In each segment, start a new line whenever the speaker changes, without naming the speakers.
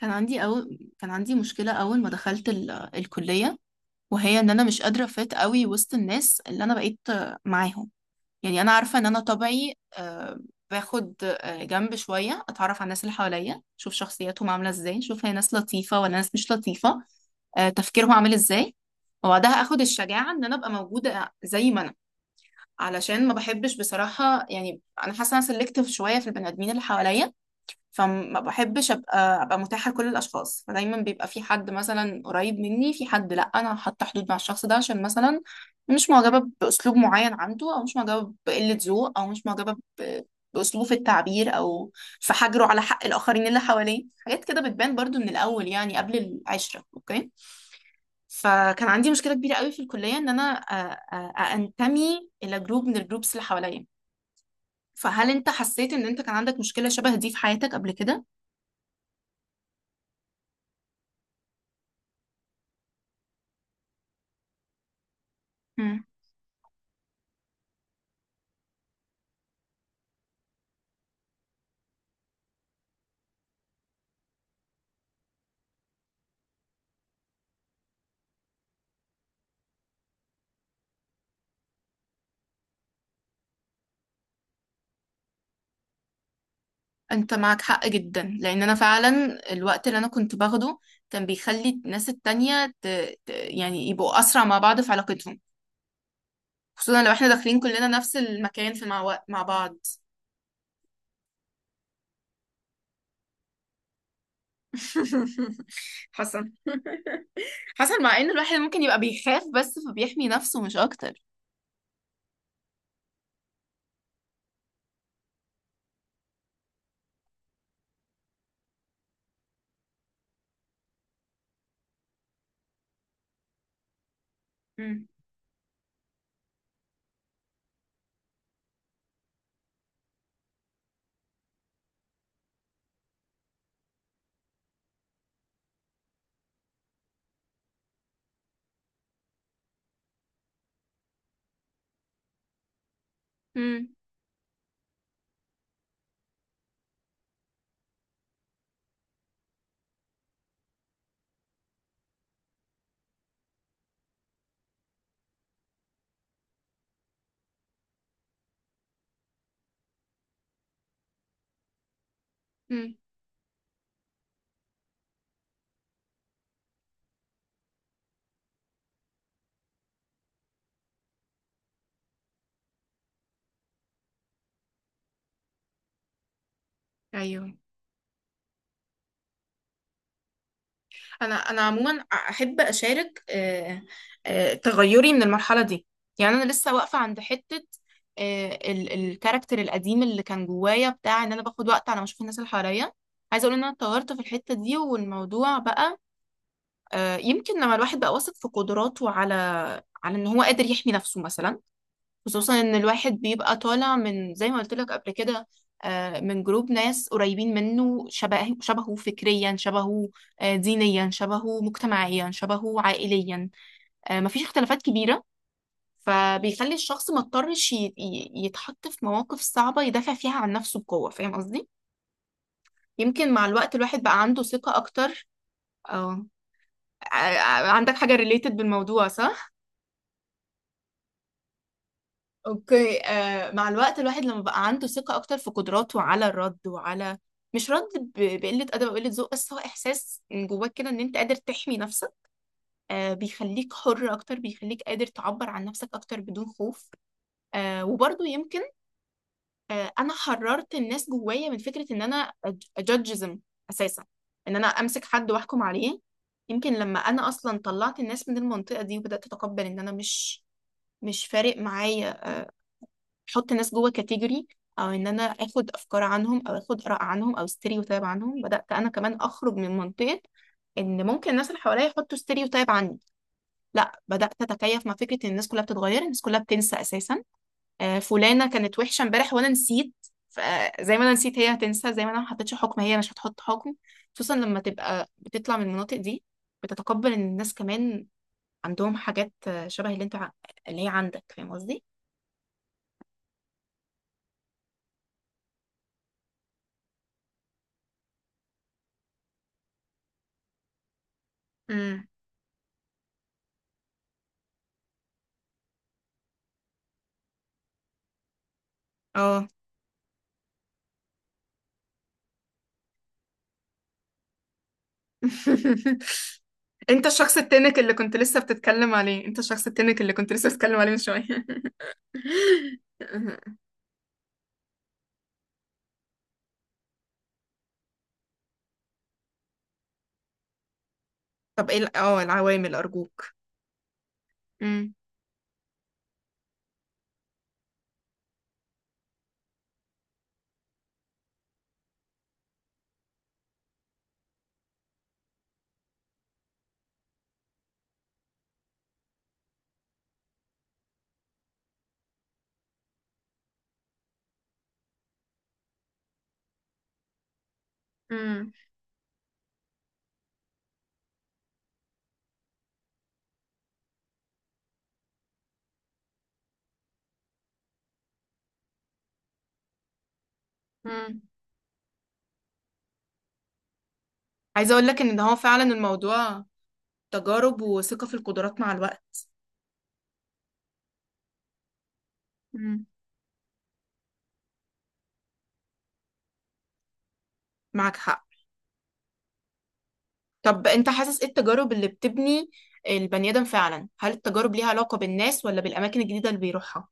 كان عندي مشكلة أول ما دخلت الكلية، وهي إن أنا مش قادرة أفيت قوي وسط الناس اللي أنا بقيت معاهم. يعني أنا عارفة إن أنا طبعي، باخد جنب شوية أتعرف على الناس اللي حواليا، أشوف شخصياتهم عاملة إزاي، أشوف هي ناس لطيفة ولا ناس مش لطيفة، تفكيرهم عامل إزاي. وبعدها أخد الشجاعة إن أنا أبقى موجودة زي ما أنا. علشان ما بحبش بصراحة، يعني أنا حاسة أنا سلكتيف شوية في البني آدمين اللي حواليا، فما بحبش ابقى متاحه لكل الاشخاص. فدايما بيبقى في حد مثلا قريب مني، في حد لا انا حاطه حدود مع الشخص ده، عشان مثلا مش معجبه باسلوب معين عنده، او مش معجبه بقله ذوق، او مش معجبه باسلوبه في التعبير، او في حجره على حق الاخرين اللي حواليه. حاجات كده بتبان برضو من الاول، يعني قبل العشره، اوكي؟ فكان عندي مشكله كبيره قوي في الكليه، ان انا انتمي الى جروب من الجروبس اللي حواليا. فهل انت حسيت ان انت كان عندك مشكله شبه دي في حياتك قبل كده؟ انت معك حق جدا، لان انا فعلا الوقت اللي انا كنت باخده كان بيخلي الناس التانية يعني يبقوا اسرع مع بعض في علاقتهم، خصوصا لو احنا داخلين كلنا نفس المكان في مع بعض. حصل حصل مع ان الواحد ممكن يبقى بيخاف، بس فبيحمي نفسه مش اكتر. امم امم ايوه، انا عموما احب اشارك، تغيري من المرحله دي. يعني انا لسه واقفه عند حته الكاركتر القديم اللي كان جوايا، بتاع ان انا باخد وقت على ما اشوف الناس اللي حواليا. عايزه اقول ان انا اتطورت في الحته دي، والموضوع بقى يمكن لما الواحد بقى واثق في قدراته، على ان هو قادر يحمي نفسه مثلا. خصوصا ان الواحد بيبقى طالع من زي ما قلت لك قبل كده، من جروب ناس قريبين منه، شبه شبهه فكريا، شبهه دينيا، شبهه مجتمعيا، شبهه عائليا، مفيش اختلافات كبيرة. فبيخلي الشخص ما اضطرش يتحط في مواقف صعبة يدافع فيها عن نفسه بقوة، فاهم قصدي؟ يمكن مع الوقت الواحد بقى عنده ثقة أكتر. اه ع- عندك حاجة ريليتد بالموضوع، صح؟ اوكي، مع الوقت الواحد لما بقى عنده ثقة اكتر في قدراته على الرد وعلى، مش رد بقلة أدب أو قلة ذوق، بس هو إحساس من جواك كده إن أنت قادر تحمي نفسك. بيخليك حر أكتر، بيخليك قادر تعبر عن نفسك أكتر بدون خوف. وبرضه يمكن أنا حررت الناس جوايا من فكرة إن أنا أجادجزم أساسا، إن أنا أمسك حد وأحكم عليه. يمكن لما أنا أصلا طلعت الناس من المنطقة دي، وبدأت أتقبل إن أنا مش فارق معايا احط ناس جوه كاتيجوري، او ان انا اخد افكار عنهم، او اخد اراء عنهم، او ستيريوتايب عنهم، بدات انا كمان اخرج من منطقه ان ممكن الناس اللي حواليا يحطوا ستيريوتايب عني. لا، بدات اتكيف مع فكره ان الناس كلها بتتغير، الناس كلها بتنسى اساسا. فلانه كانت وحشه امبارح وانا نسيت، فزي ما انا نسيت هي هتنسى، زي ما انا ما حطيتش حكم هي مش هتحط حكم، خصوصا لما تبقى بتطلع من المناطق دي، بتتقبل ان الناس كمان عندهم حاجات شبه اللي هي عندك، فاهم قصدي؟ امم، اه. انت الشخص التنك اللي كنت لسه بتتكلم عليه، انت الشخص التنك اللي كنت لسه بتتكلم عليه من شوية. طب ايه العوامل ارجوك؟ مم. مم. مم. عايزة اقول لك ان ده هو فعلا الموضوع، تجارب وثقة في القدرات مع الوقت. مم. معك حق. طب انت حاسس ايه التجارب اللي بتبني البني ادم فعلا؟ هل التجارب ليها علاقة بالناس ولا بالاماكن الجديدة اللي بيروحها؟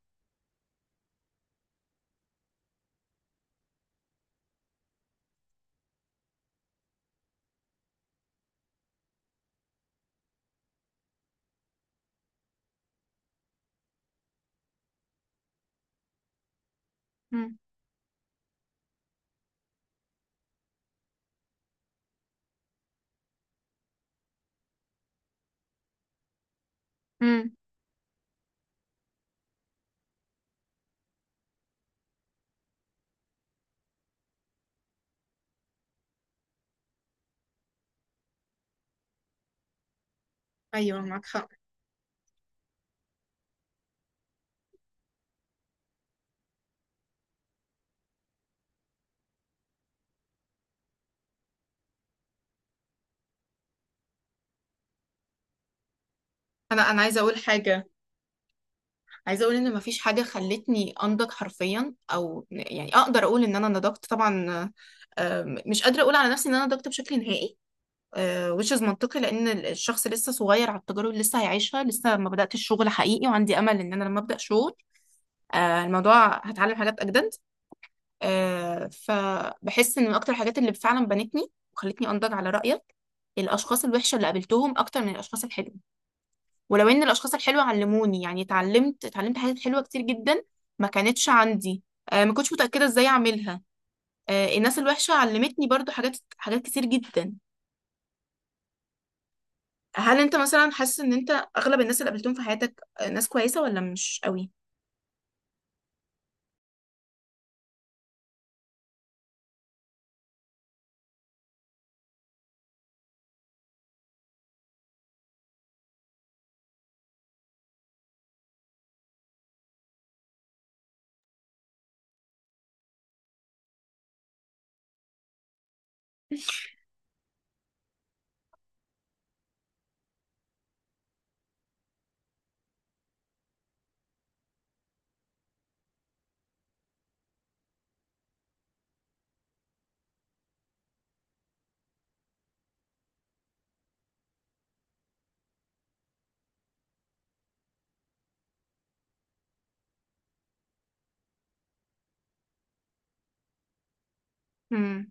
مم. مم. ايوه، معك حق. انا عايزة اقول حاجة. عايزه اقول ان مفيش حاجه خلتني انضج حرفيا، او يعني اقدر اقول ان انا نضجت طبعا. مش قادره اقول على نفسي ان انا نضجت بشكل نهائي. Which is منطقي، لان ال- الشخص لسه صغير على التجارب اللي لسه هيعيشها، لسه ما بداتش الشغل حقيقي، وعندي امل ان انا لما ابدا شغل، الموضوع هتعلم حاجات اجدد. فبحس ان من اكتر الحاجات اللي فعلا بنتني وخلتني انضج، على رايك، الاشخاص الوحشه اللي قابلتهم اكتر من الاشخاص الحلوه. ولو ان الاشخاص الحلوه علموني، يعني اتعلمت حاجات حلوه كتير جدا ما كانتش عندي، ما كنتش متاكده ازاي اعملها. الناس الوحشه علمتني برضو حاجات، حاجات كتير جدا. هل انت مثلا حاسس ان انت اغلب الناس اللي قابلتهم في حياتك ناس كويسه ولا مش قوي؟ مم.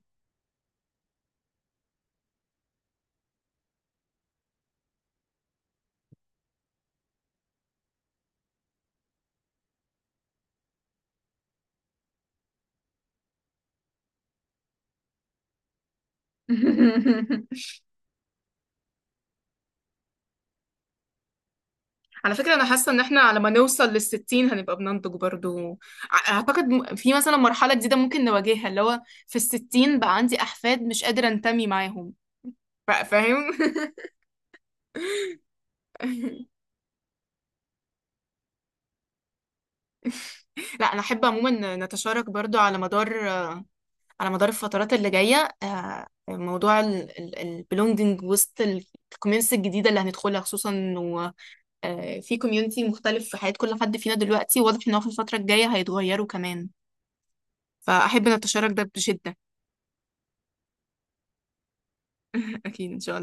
على فكرة، أنا حاسة إن إحنا على ما نوصل للستين هنبقى بننضج برضو. أعتقد في مثلا مرحلة جديدة ممكن نواجهها، اللي هو في الستين بقى عندي أحفاد مش قادرة أنتمي معاهم، فاهم؟ لا، انا احب عموما نتشارك برضو، على مدار الفترات اللي جايه، موضوع البلونجنج وسط الكوميونتي الجديده اللي هندخلها، خصوصا انه في كوميونتي مختلف في حياه كل حد فينا دلوقتي، واضح ان هو في الفتره الجايه هيتغيروا كمان. فاحب نتشارك ده بشده. اكيد ان شاء الله.